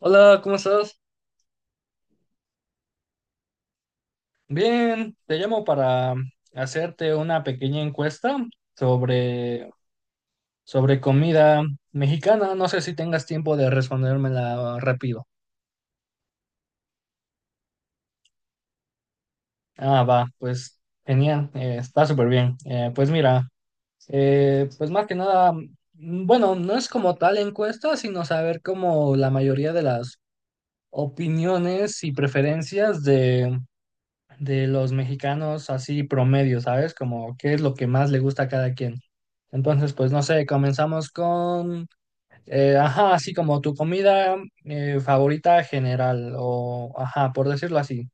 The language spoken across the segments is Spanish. Hola, ¿cómo estás? Bien, te llamo para hacerte una pequeña encuesta sobre, sobre comida mexicana. No sé si tengas tiempo de respondérmela rápido. Ah, va, pues genial, está súper bien. Pues mira, pues más que nada, bueno, no es como tal encuesta, sino saber como la mayoría de las opiniones y preferencias de los mexicanos así promedio, ¿sabes? Como qué es lo que más le gusta a cada quien. Entonces, pues no sé, comenzamos con, ajá, así como tu comida favorita general o, ajá, por decirlo así.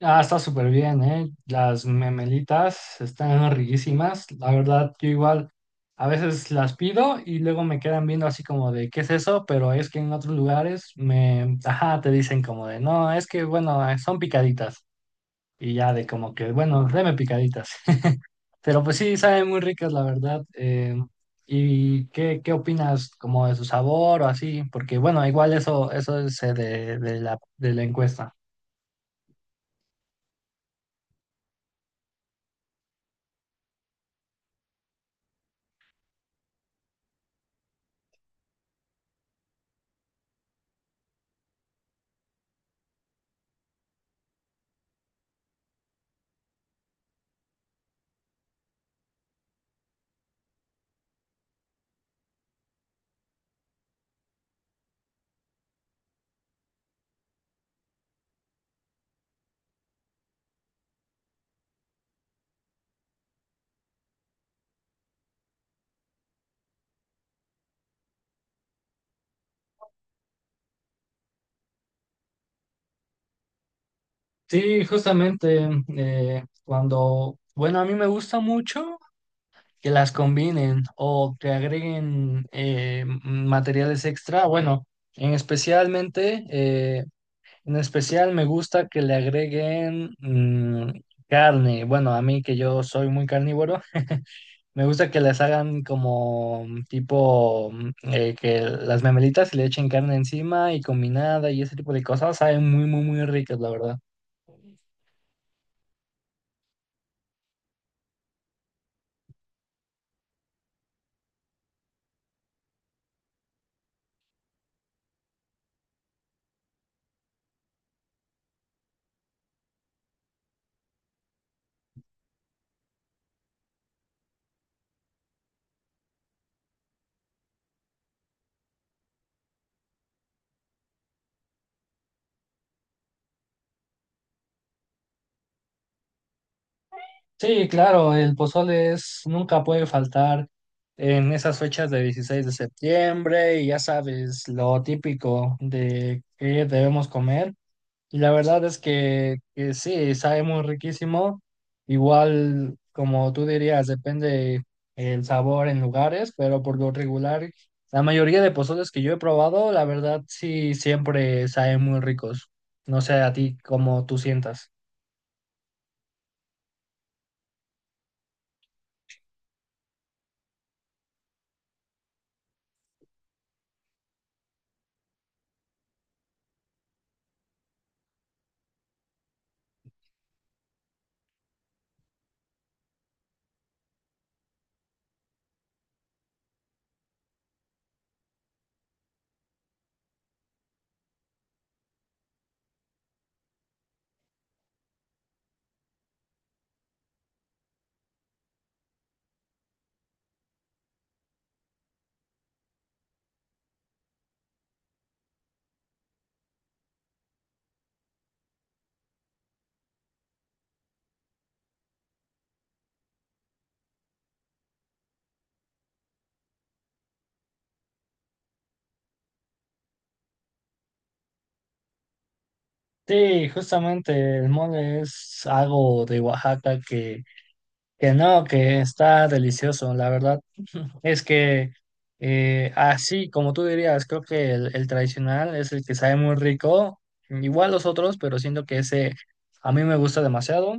Ah, está súper bien, ¿eh? Las memelitas están riquísimas. La verdad, yo igual a veces las pido y luego me quedan viendo así como de, ¿qué es eso? Pero es que en otros lugares me, ajá, te dicen como de, no, es que bueno, son picaditas. Y ya de como que, bueno, deme picaditas. Pero pues sí, saben muy ricas, la verdad. ¿Y qué opinas como de su sabor o así? Porque bueno, igual eso es de la encuesta. Sí, justamente cuando, bueno, a mí me gusta mucho que las combinen o que agreguen materiales extra. Bueno, en especialmente... eh, En especial me gusta que le agreguen carne. Bueno, a mí que yo soy muy carnívoro, me gusta que les hagan como que las memelitas y le echen carne encima y combinada y ese tipo de cosas. Saben muy, muy, muy ricas, la verdad. Sí, claro, el pozole es, nunca puede faltar en esas fechas de 16 de septiembre y ya sabes lo típico de que debemos comer. Y la verdad es que sí, sabe muy riquísimo. Igual, como tú dirías, depende el sabor en lugares, pero por lo regular, la mayoría de pozoles que yo he probado, la verdad sí, siempre saben muy ricos. No sé a ti cómo tú sientas. Sí, justamente el mole es algo de Oaxaca que no, que está delicioso. La verdad. Es que así, como tú dirías, creo que el tradicional es el que sabe muy rico, igual los otros, pero siento que ese a mí me gusta demasiado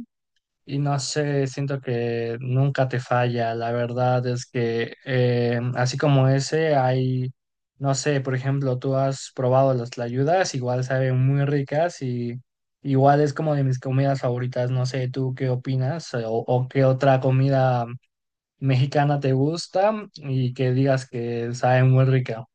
y no sé, siento que nunca te falla. La verdad es que así como ese hay, no sé, por ejemplo, tú has probado las tlayudas, igual saben muy ricas y igual es como de mis comidas favoritas. No sé, ¿tú qué opinas o qué otra comida mexicana te gusta y que digas que sabe muy rica?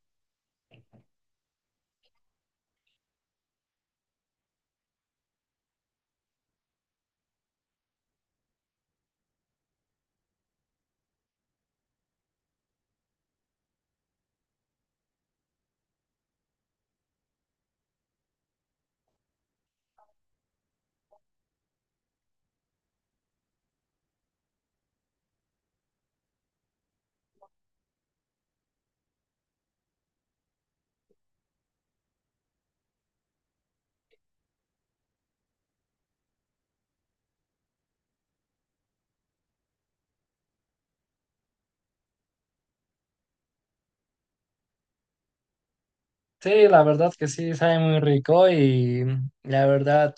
Sí, la verdad que sí, sabe muy rico y la verdad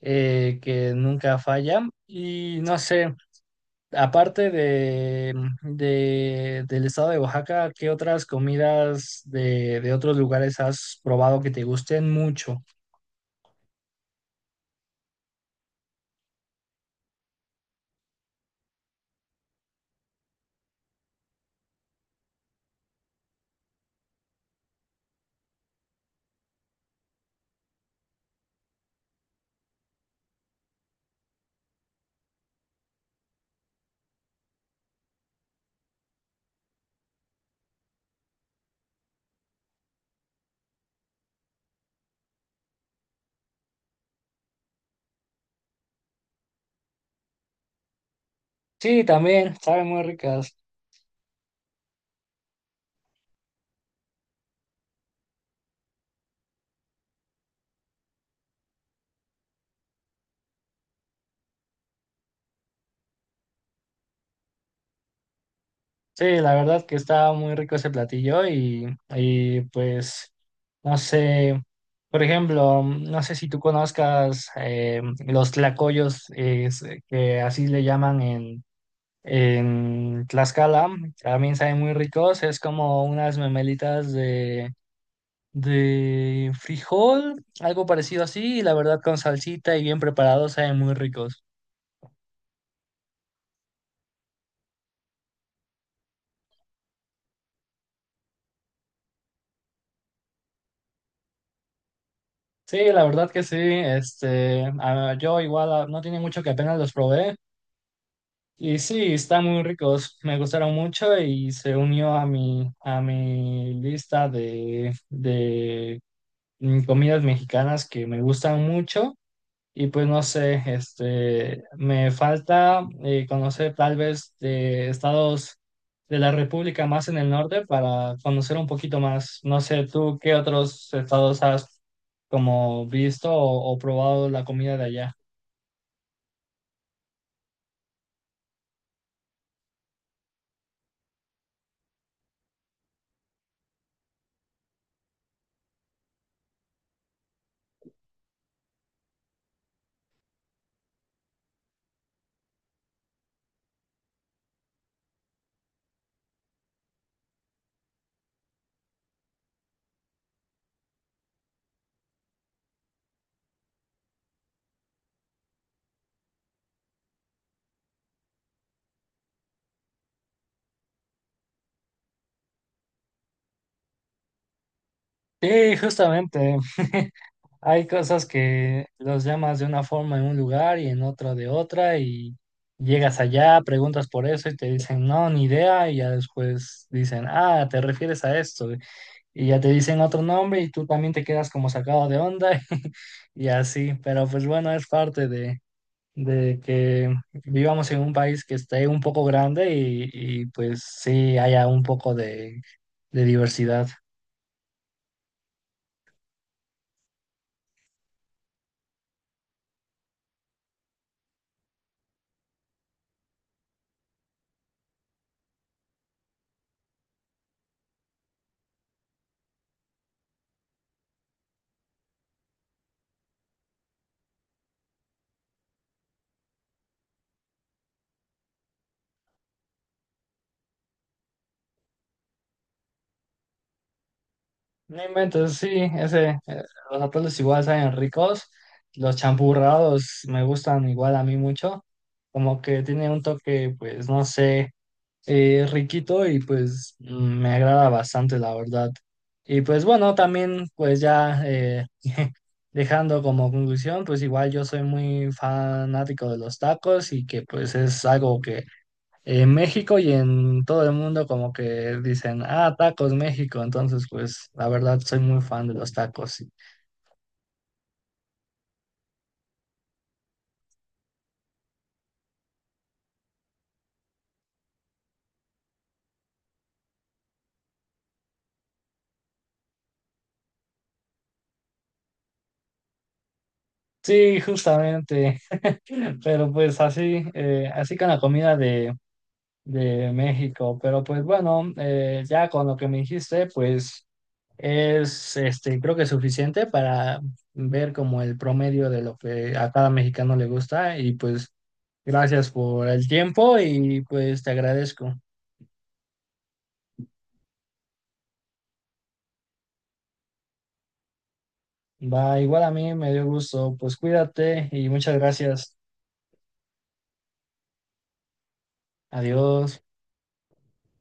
que nunca falla. Y no sé, aparte de, del estado de Oaxaca, ¿qué otras comidas de otros lugares has probado que te gusten mucho? Sí, también, saben muy ricas. Sí, la verdad que estaba muy rico ese platillo y pues no sé, por ejemplo, no sé si tú conozcas los tlacoyos que así le llaman en Tlaxcala, también saben muy ricos, es como unas memelitas de frijol, algo parecido así, y la verdad con salsita y bien preparados saben muy ricos. Sí, la verdad que sí, este, ah, yo igual ah, no tiene mucho que apenas los probé. Y sí, están muy ricos, me gustaron mucho y se unió a a mi lista de comidas mexicanas que me gustan mucho. Y pues no sé, este, me falta conocer tal vez de estados de la República más en el norte para conocer un poquito más. No sé, tú qué otros estados has como visto o probado la comida de allá. Sí, justamente. Hay cosas que los llamas de una forma en un lugar y en otro de otra y llegas allá, preguntas por eso y te dicen, no, ni idea y ya después dicen, ah, te refieres a esto y ya te dicen otro nombre y tú también te quedas como sacado de onda y así, pero pues bueno, es parte de que vivamos en un país que esté un poco grande y pues sí haya un poco de diversidad. No inventes, sí, ese, los atuendos igual saben ricos, los champurrados me gustan igual a mí mucho, como que tiene un toque, pues no sé, riquito y pues me agrada bastante, la verdad. Y pues bueno, también pues ya dejando como conclusión, pues igual yo soy muy fanático de los tacos y que pues es algo en México y en todo el mundo como que dicen, ah, tacos México, entonces pues la verdad soy muy fan de los tacos. Sí, sí, justamente, pero pues así, así con la comida de México, pero pues bueno, ya con lo que me dijiste, pues es, este, creo que es suficiente para ver como el promedio de lo que a cada mexicano le gusta y pues gracias por el tiempo y pues te agradezco. Va, igual a mí me dio gusto. Pues cuídate y muchas gracias. Adiós.